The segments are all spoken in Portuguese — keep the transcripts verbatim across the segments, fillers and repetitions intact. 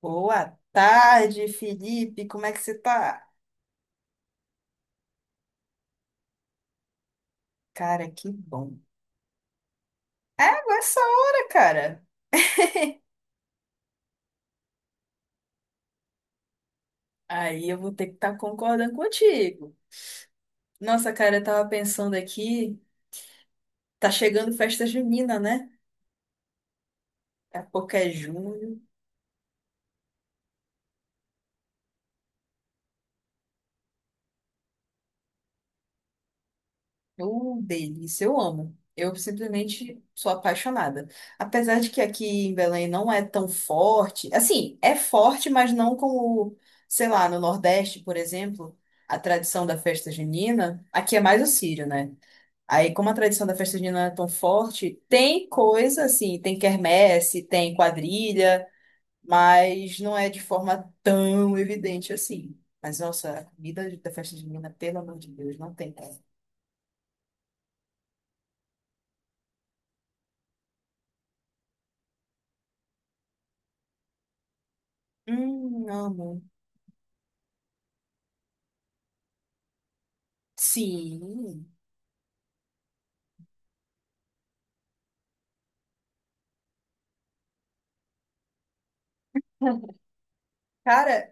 Boa tarde, Felipe. Como é que você tá? Cara, que bom. É, agora essa hora, cara. Aí eu vou ter que estar concordando contigo. Nossa, cara, eu tava pensando aqui, tá chegando festa junina, né? Daqui a pouco é junho. Uh, delícia, eu amo. Eu simplesmente sou apaixonada. Apesar de que aqui em Belém não é tão forte. Assim, é forte, mas não como, sei lá, no Nordeste, por exemplo, a tradição da festa junina. Aqui é mais o Sírio, né? Aí, como a tradição da festa junina é tão forte, tem coisa assim, tem quermesse, tem quadrilha, mas não é de forma tão evidente assim. Mas, nossa, a comida da festa junina, pelo amor de Deus, não tem, cara. Hum, amo. Sim. Cara,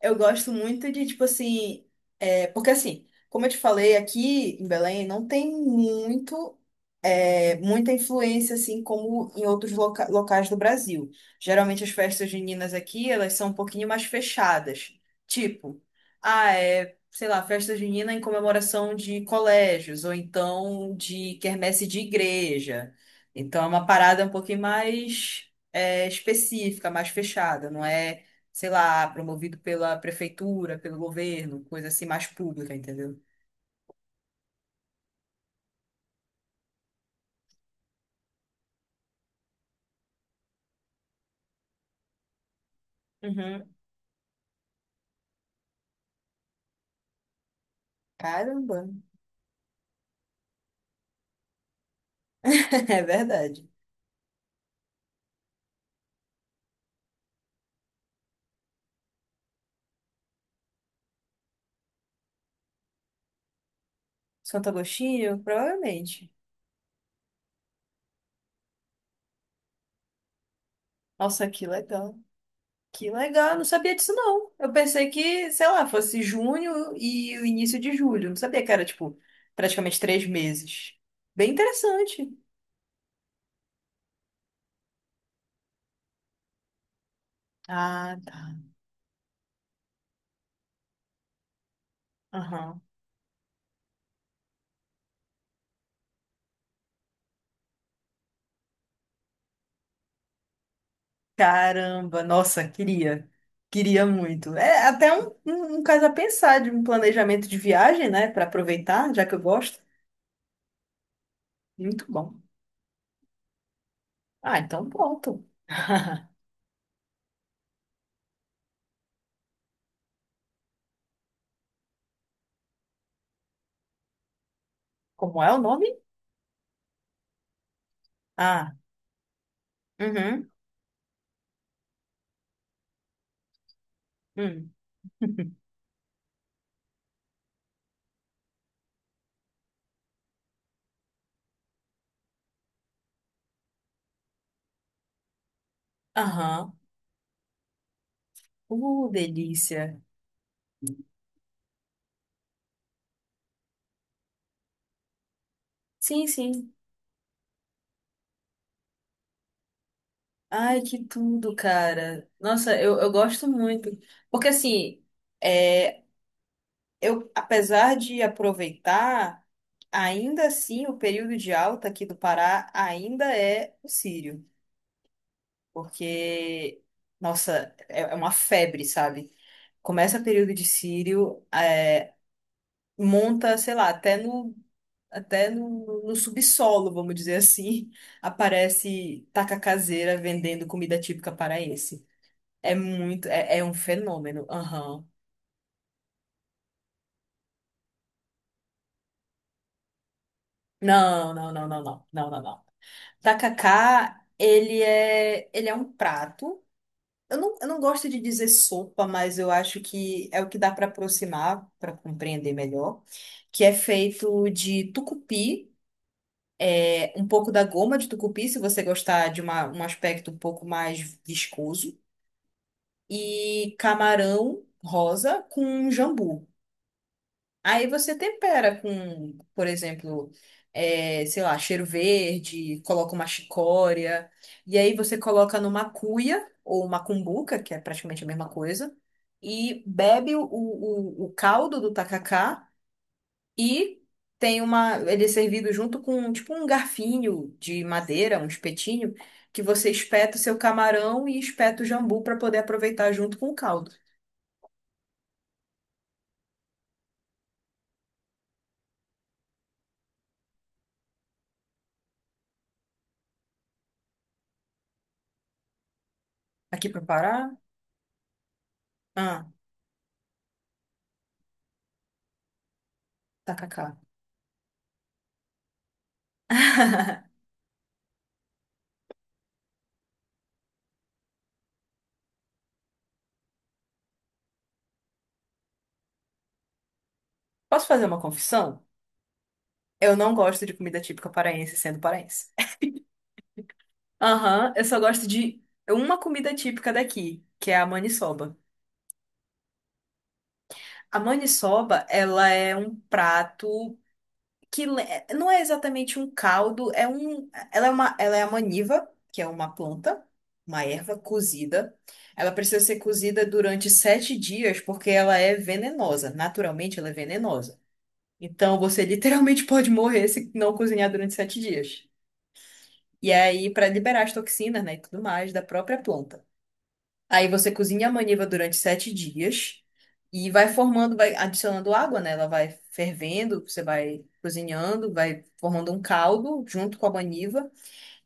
eu gosto muito de, tipo assim, é, porque assim, como eu te falei, aqui em Belém não tem muito, é, muita influência, assim, como em outros loca- locais do Brasil. Geralmente as festas juninas aqui, elas são um pouquinho mais fechadas. Tipo, ah, é, sei lá, festa junina em comemoração de colégios, ou então de quermesse de igreja. Então é uma parada um pouquinho mais, é, específica, mais fechada, não é? Sei lá, promovido pela prefeitura, pelo governo, coisa assim mais pública, entendeu? Uhum. Caramba. É verdade. Santo Agostinho? Provavelmente. Nossa, que legal. Que legal, eu não sabia disso não. Eu pensei que, sei lá, fosse junho e o início de julho. Eu não sabia que era, tipo, praticamente três meses. Bem interessante. Ah, tá. Aham. Caramba, nossa, queria. Queria muito. É até um, um, um caso a pensar de um planejamento de viagem, né? Para aproveitar, já que eu gosto. Muito bom. Ah, então pronto. Como é o nome? Ah, uhum, hum. Aham. Uh, delícia. Sim, sim. Ai, que tudo, cara. Nossa, eu, eu gosto muito. Porque, assim, é. eu, apesar de aproveitar, ainda assim o período de alta aqui do Pará ainda é o sírio, porque, nossa, é é uma febre, sabe? Começa período de sírio, é, monta, sei lá, até no, até no, no subsolo, vamos dizer assim, aparece taca caseira vendendo comida típica paraense. É muito, é, é um fenômeno. Aham. Não, não, não, não, não, não, não, não. Tacacá, ele é, ele é um prato. Eu não, eu não gosto de dizer sopa, mas eu acho que é o que dá para aproximar, para compreender melhor, que é feito de tucupi, é, um pouco da goma de tucupi, se você gostar de uma, um aspecto um pouco mais viscoso, e camarão rosa com jambu. Aí você tempera com, por exemplo, eh, sei lá, cheiro verde, coloca uma chicória, e aí você coloca numa cuia ou uma cumbuca, que é praticamente a mesma coisa, e bebe o, o, o caldo do tacacá e tem uma, ele é servido junto com tipo um garfinho de madeira, um espetinho, que você espeta o seu camarão e espeta o jambu para poder aproveitar junto com o caldo. Aqui para Pará, ah, tacacá. Posso fazer uma confissão? Eu não gosto de comida típica paraense sendo paraense. Aham, eu só gosto de uma comida típica daqui, que é a maniçoba. A maniçoba, ela é um prato que le- não é exatamente um caldo, é um, ela é uma, ela é a maniva, que é uma planta, uma erva cozida. Ela precisa ser cozida durante sete dias porque ela é venenosa. Naturalmente, ela é venenosa. Então, você literalmente pode morrer se não cozinhar durante sete dias. E aí, para liberar as toxinas, né, e tudo mais da própria planta. Aí você cozinha a maniva durante sete dias e vai formando, vai adicionando água, né? Ela vai fervendo, você vai cozinhando, vai formando um caldo junto com a maniva.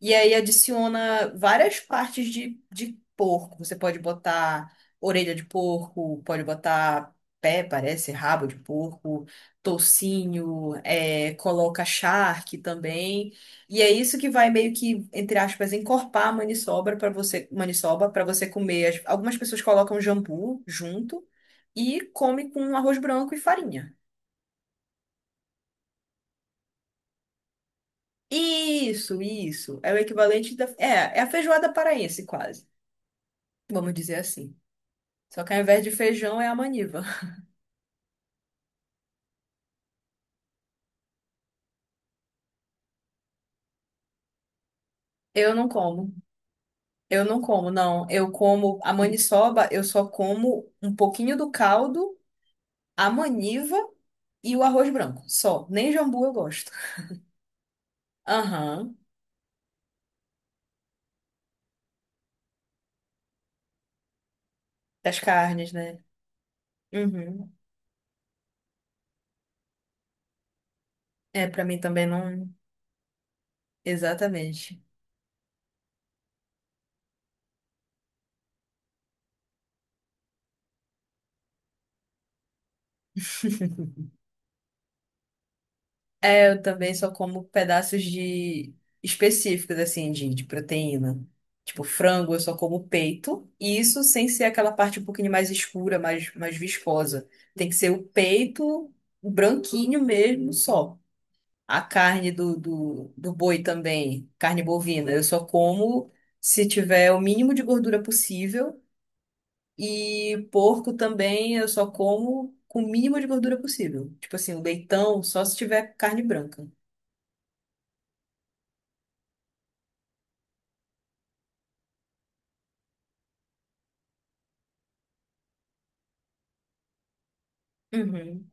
E aí adiciona várias partes de, de porco. Você pode botar orelha de porco, pode botar pé, parece, rabo de porco, toucinho, é, coloca charque também. E é isso que vai meio que, entre aspas, encorpar a maniçoba para você, maniçoba para você comer. As- Algumas pessoas colocam jambu junto e come com arroz branco e farinha. Isso, isso. É o equivalente da. É, é a feijoada paraense, quase. Vamos dizer assim. Só que ao invés de feijão é a maniva. Eu não como. Eu não como, não. Eu como a maniçoba, eu só como um pouquinho do caldo, a maniva e o arroz branco. Só. Nem jambu eu gosto. Aham. Das carnes, né? Uhum. É, pra mim também não. Exatamente. É, eu também só como pedaços de específicos, assim, de, de proteína. Tipo, frango, eu só como peito. E isso sem ser aquela parte um pouquinho mais escura, mais, mais viscosa. Tem que ser o peito branquinho mesmo, só. A carne do, do, do boi também, carne bovina, eu só como se tiver o mínimo de gordura possível. E porco também, eu só como com o mínimo de gordura possível. Tipo assim, o leitão, só se tiver carne branca. Uhum.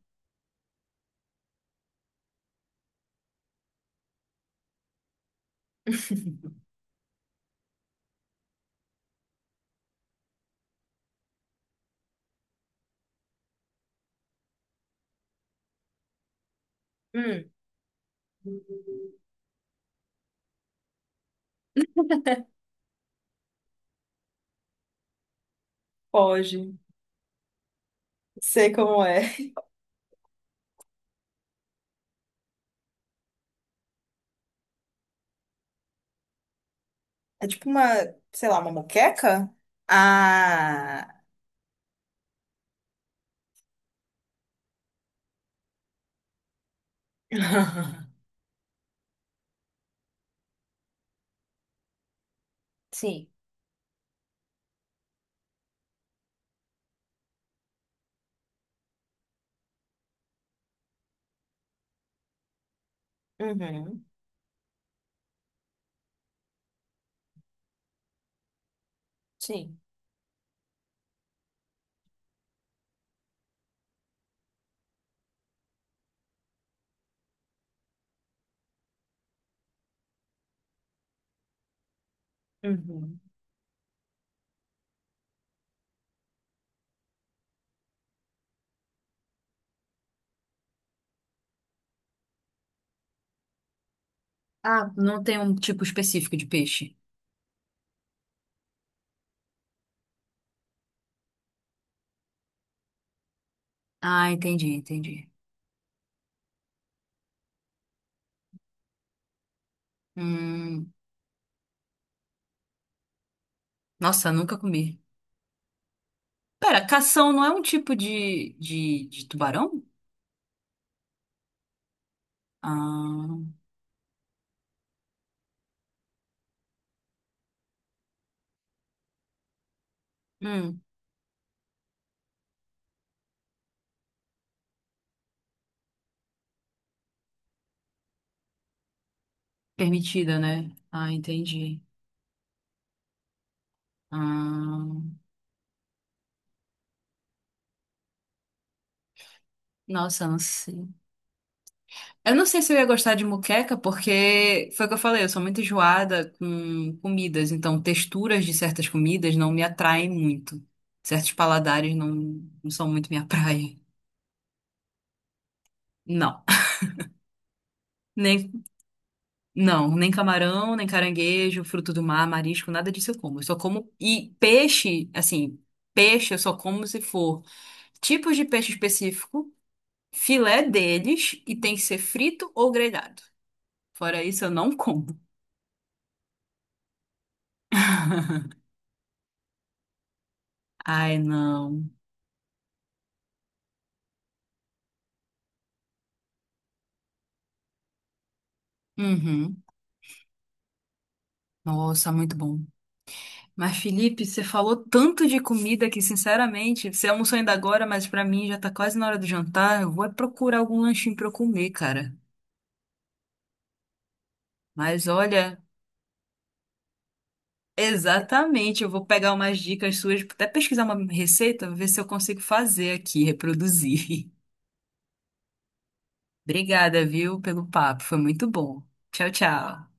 Hum, Pode. Sei como é. É tipo uma, sei lá, uma moqueca? Ah, Sim. Uhum, sim. Uhum. Ah, não tem um tipo específico de peixe. Ah, entendi, entendi. Hum, Nossa, nunca comi. Pera, cação não é um tipo de, de, de tubarão? Ah, hum, permitida, né? Ah, entendi. Ah, nossa, não sei. Eu não sei se eu ia gostar de moqueca, porque foi o que eu falei, eu sou muito enjoada com comidas, então texturas de certas comidas não me atraem muito. Certos paladares não, não são muito minha praia. Não. Nem, não, nem camarão, nem caranguejo, fruto do mar, marisco, nada disso eu como. Eu só como. E peixe, assim, peixe eu só como se for tipos de peixe específico, filé deles, e tem que ser frito ou grelhado. Fora isso, eu não como. Ai, não. Uhum. Nossa, muito bom. Mas, Felipe, você falou tanto de comida que, sinceramente, você almoçou ainda agora, mas pra mim já tá quase na hora do jantar. Eu vou é procurar algum lanchinho pra eu comer, cara. Mas olha, exatamente, eu vou pegar umas dicas suas, até pesquisar uma receita, ver se eu consigo fazer aqui, reproduzir. Obrigada, viu, pelo papo. Foi muito bom. Tchau, tchau.